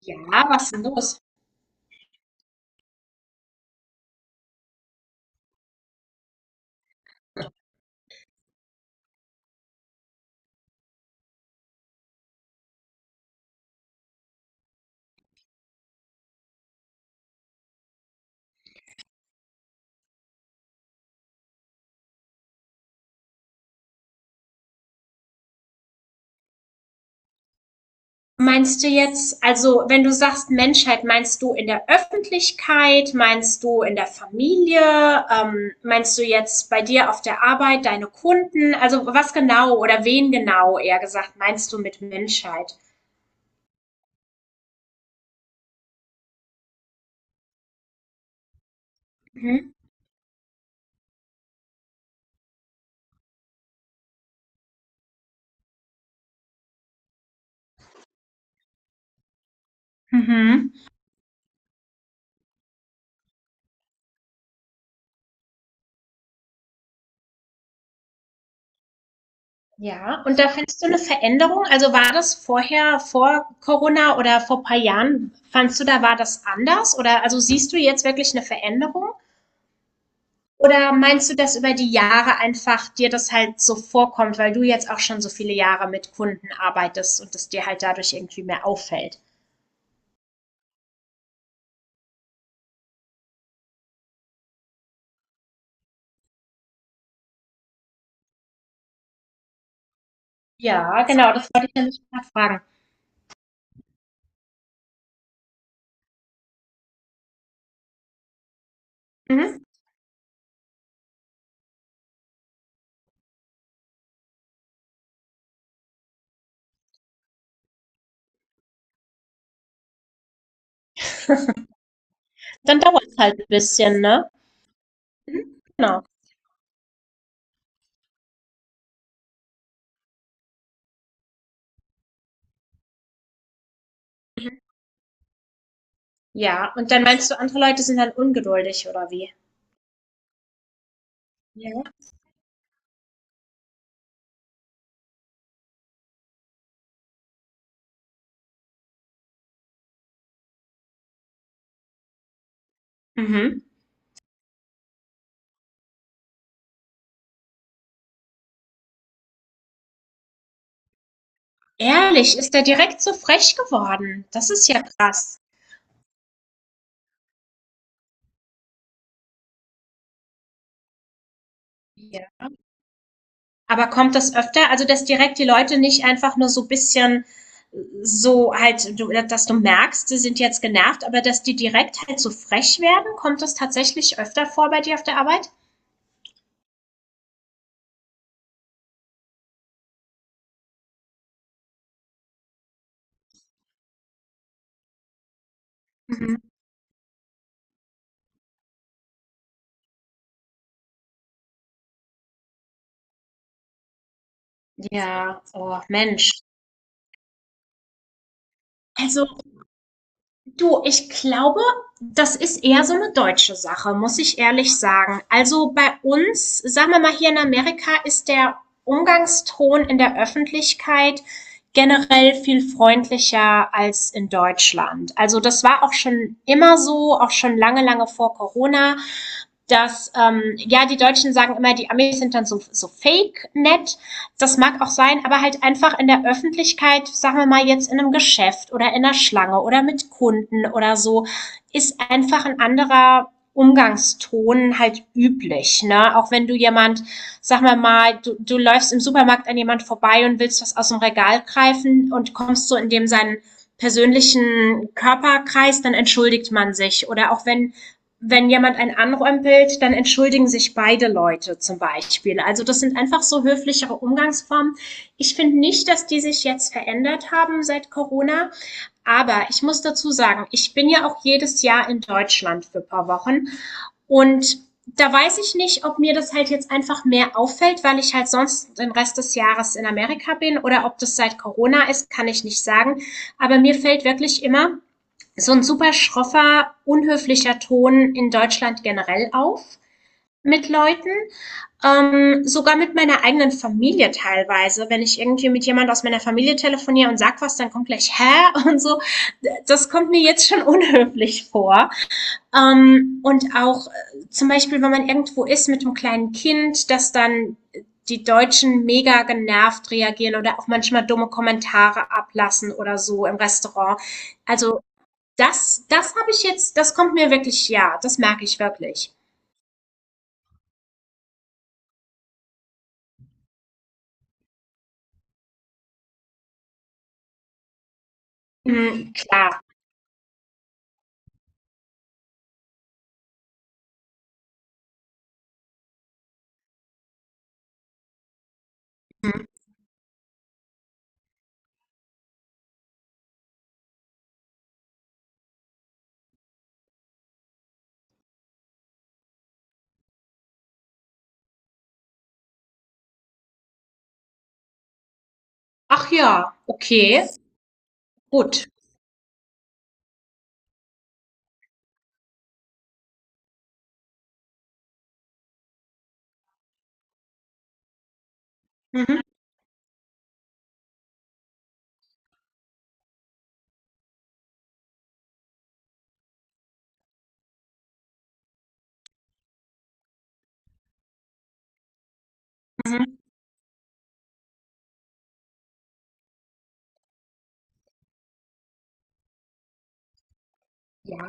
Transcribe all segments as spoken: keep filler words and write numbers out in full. Ja, was ist denn los? Meinst du jetzt, also wenn du sagst Menschheit, meinst du in der Öffentlichkeit, meinst du in der Familie, ähm, meinst du jetzt bei dir auf der Arbeit, deine Kunden, also was genau oder wen genau eher gesagt meinst du mit Menschheit? Mhm. Mhm. Ja, und da findest du eine Veränderung? Also war das vorher, vor Corona oder vor ein paar Jahren, fandst du da war das anders? Oder also siehst du jetzt wirklich eine Veränderung? Oder meinst du, dass über die Jahre einfach dir das halt so vorkommt, weil du jetzt auch schon so viele Jahre mit Kunden arbeitest und es dir halt dadurch irgendwie mehr auffällt? Ja, genau, das wollte ich nämlich gerade fragen. Mhm. Dann dauert es halt ein bisschen, ne? Mhm. Genau. Ja, und dann meinst du, andere Leute sind dann ungeduldig oder wie? Ja. Mhm. Ehrlich, ist der direkt so frech geworden? Das ist ja krass. Ja. Aber kommt das öfter? Also, dass direkt die Leute nicht einfach nur so ein bisschen so halt, du, dass du merkst, sie sind jetzt genervt, aber dass die direkt halt so frech werden, kommt das tatsächlich öfter vor bei dir auf der Arbeit? Mhm. Ja, oh Mensch. Also du, ich glaube, das ist eher so eine deutsche Sache, muss ich ehrlich sagen. Also, bei uns, sagen wir mal hier in Amerika, ist der Umgangston in der Öffentlichkeit generell viel freundlicher als in Deutschland. Also, das war auch schon immer so, auch schon lange, lange vor Corona, dass, ähm ja, die Deutschen sagen immer, die Amis sind dann so so fake nett, das mag auch sein, aber halt einfach in der Öffentlichkeit, sagen wir mal jetzt in einem Geschäft oder in der Schlange oder mit Kunden oder so, ist einfach ein anderer Umgangston halt üblich. Ne? Auch wenn du jemand, sag mal mal, du, du läufst im Supermarkt an jemand vorbei und willst was aus dem Regal greifen und kommst so in dem seinen persönlichen Körperkreis, dann entschuldigt man sich. Oder auch wenn wenn jemand einen anrempelt, dann entschuldigen sich beide Leute zum Beispiel. Also das sind einfach so höflichere Umgangsformen. Ich finde nicht, dass die sich jetzt verändert haben seit Corona. Aber ich muss dazu sagen, ich bin ja auch jedes Jahr in Deutschland für ein paar Wochen. Und da weiß ich nicht, ob mir das halt jetzt einfach mehr auffällt, weil ich halt sonst den Rest des Jahres in Amerika bin oder ob das seit Corona ist, kann ich nicht sagen. Aber mir fällt wirklich immer so ein super schroffer, unhöflicher Ton in Deutschland generell auf mit Leuten, ähm, sogar mit meiner eigenen Familie teilweise. Wenn ich irgendwie mit jemand aus meiner Familie telefoniere und sag was, dann kommt gleich hä und so. Das kommt mir jetzt schon unhöflich vor. Ähm, und auch äh, zum Beispiel, wenn man irgendwo ist mit einem kleinen Kind, dass dann die Deutschen mega genervt reagieren oder auch manchmal dumme Kommentare ablassen oder so im Restaurant. Also das das habe ich jetzt das kommt mir wirklich ja, das merke ich wirklich. Mhm, klar. Mhm. Ach ja, okay, gut. Mhm, mhm. Ja,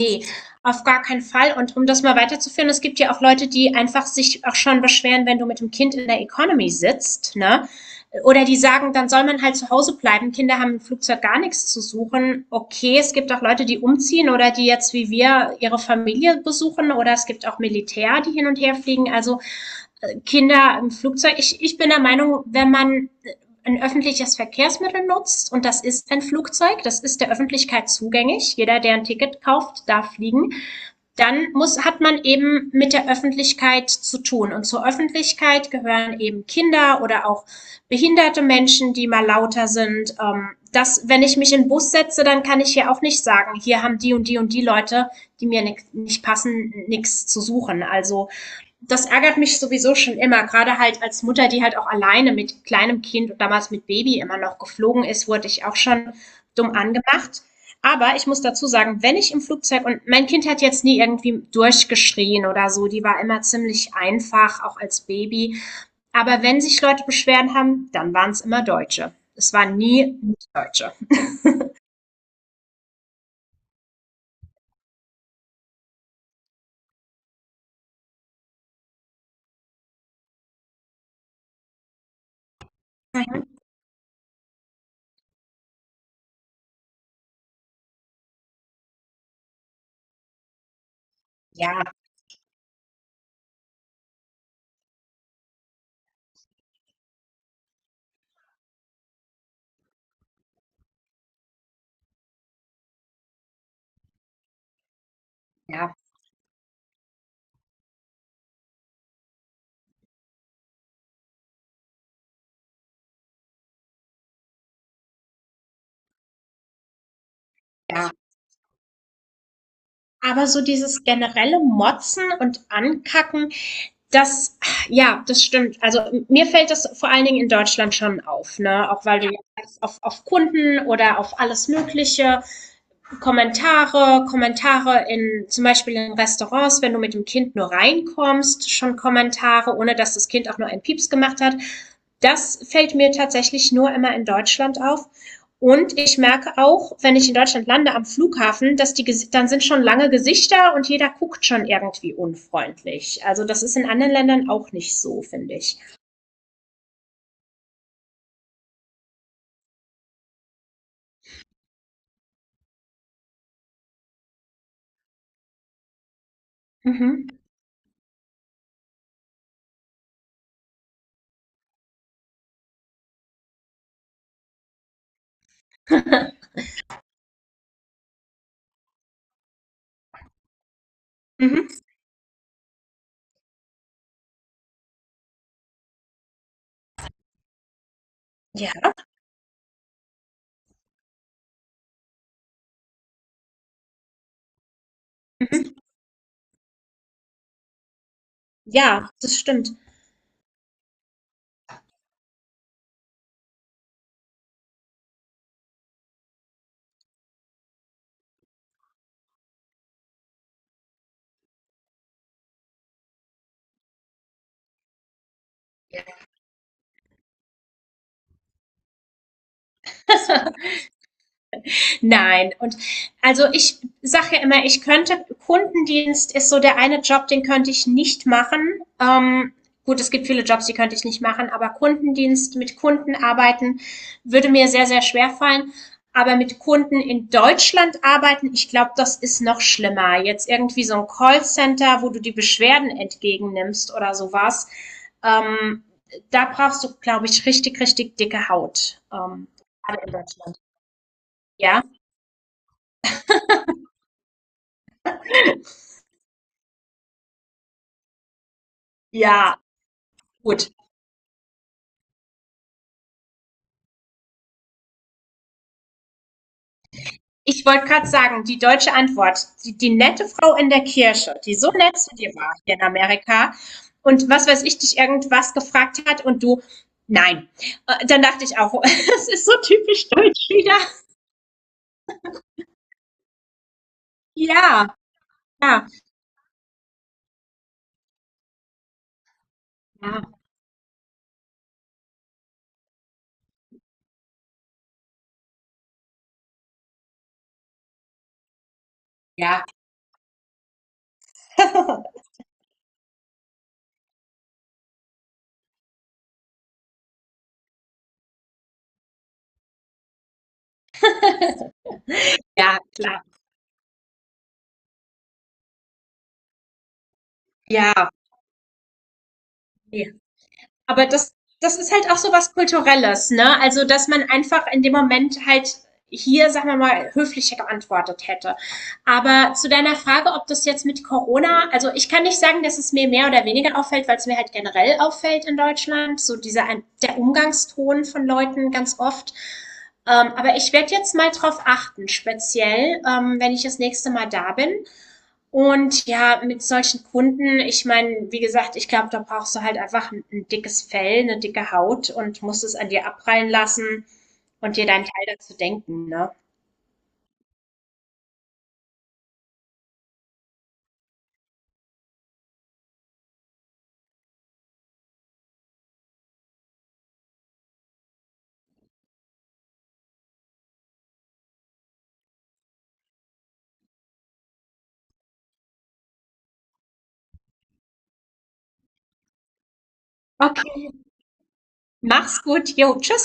nee, auf gar keinen Fall. Und um das mal weiterzuführen, es gibt ja auch Leute, die einfach sich auch schon beschweren, wenn du mit dem Kind in der Economy sitzt, ne? Oder die sagen, dann soll man halt zu Hause bleiben. Kinder haben im Flugzeug gar nichts zu suchen. Okay, es gibt auch Leute, die umziehen oder die jetzt wie wir ihre Familie besuchen oder es gibt auch Militär, die hin und her fliegen. Also Kinder im Flugzeug. Ich, ich bin der Meinung, wenn man äh, ein öffentliches Verkehrsmittel nutzt, und das ist ein Flugzeug, das ist der Öffentlichkeit zugänglich, jeder, der ein Ticket kauft, darf fliegen, dann muss, hat man eben mit der Öffentlichkeit zu tun. Und zur Öffentlichkeit gehören eben Kinder oder auch behinderte Menschen, die mal lauter sind. Ähm, das, wenn ich mich in den Bus setze, dann kann ich hier auch nicht sagen, hier haben die und die und die Leute, die mir nicht, nicht passen, nichts zu suchen. Also das ärgert mich sowieso schon immer, gerade halt als Mutter, die halt auch alleine mit kleinem Kind und damals mit Baby immer noch geflogen ist, wurde ich auch schon dumm angemacht. Aber ich muss dazu sagen, wenn ich im Flugzeug und mein Kind hat jetzt nie irgendwie durchgeschrien oder so, die war immer ziemlich einfach, auch als Baby. Aber wenn sich Leute Beschwerden haben, dann waren es immer Deutsche. Es waren nie Deutsche. Ja, ja. Aber so dieses generelle Motzen und Ankacken, das, ja, das stimmt. Also mir fällt das vor allen Dingen in Deutschland schon auf, ne? Auch weil du auf, auf Kunden oder auf alles Mögliche Kommentare, Kommentare in zum Beispiel in Restaurants, wenn du mit dem Kind nur reinkommst, schon Kommentare, ohne dass das Kind auch nur einen Pieps gemacht hat. Das fällt mir tatsächlich nur immer in Deutschland auf. Und ich merke auch, wenn ich in Deutschland lande am Flughafen, dass die dann sind schon lange Gesichter und jeder guckt schon irgendwie unfreundlich. Also das ist in anderen Ländern auch nicht so, finde ich. Mhm. mhm. Ja. Mhm. Ja, das stimmt. Nein, und also ich sage ja immer, ich könnte, Kundendienst ist so der eine Job, den könnte ich nicht machen. Ähm, gut, es gibt viele Jobs, die könnte ich nicht machen, aber Kundendienst, mit Kunden arbeiten, würde mir sehr, sehr schwer fallen. Aber mit Kunden in Deutschland arbeiten, ich glaube, das ist noch schlimmer. Jetzt irgendwie so ein Callcenter, wo du die Beschwerden entgegennimmst oder sowas. Ähm, da brauchst du, glaube ich, richtig, richtig dicke Haut. Ähm, gerade in Deutschland. Ja? Ja, gut. Ich wollte gerade sagen, die deutsche Antwort, die, die nette Frau in der Kirche, die so nett zu dir war hier in Amerika und was weiß ich, dich irgendwas gefragt hat und du, nein. Äh, dann dachte ich auch, es ist so typisch deutsch wieder. Ja, ja, ja, ja, klar, ja, ja. Aber das das ist halt auch so was Kulturelles, ne? Also, dass man einfach in dem Moment halt hier, sagen wir mal, höflicher geantwortet hätte. Aber zu deiner Frage, ob das jetzt mit Corona, also ich kann nicht sagen, dass es mir mehr oder weniger auffällt, weil es mir halt generell auffällt in Deutschland, so dieser der Umgangston von Leuten ganz oft. Ähm, aber ich werde jetzt mal drauf achten, speziell, ähm, wenn ich das nächste Mal da bin. Und ja, mit solchen Kunden, ich meine, wie gesagt, ich glaube, da brauchst du halt einfach ein, ein dickes Fell, eine dicke Haut und musst es an dir abprallen lassen und dir deinen Teil dazu denken, ne? Okay, mach's gut. Jo, tschüss.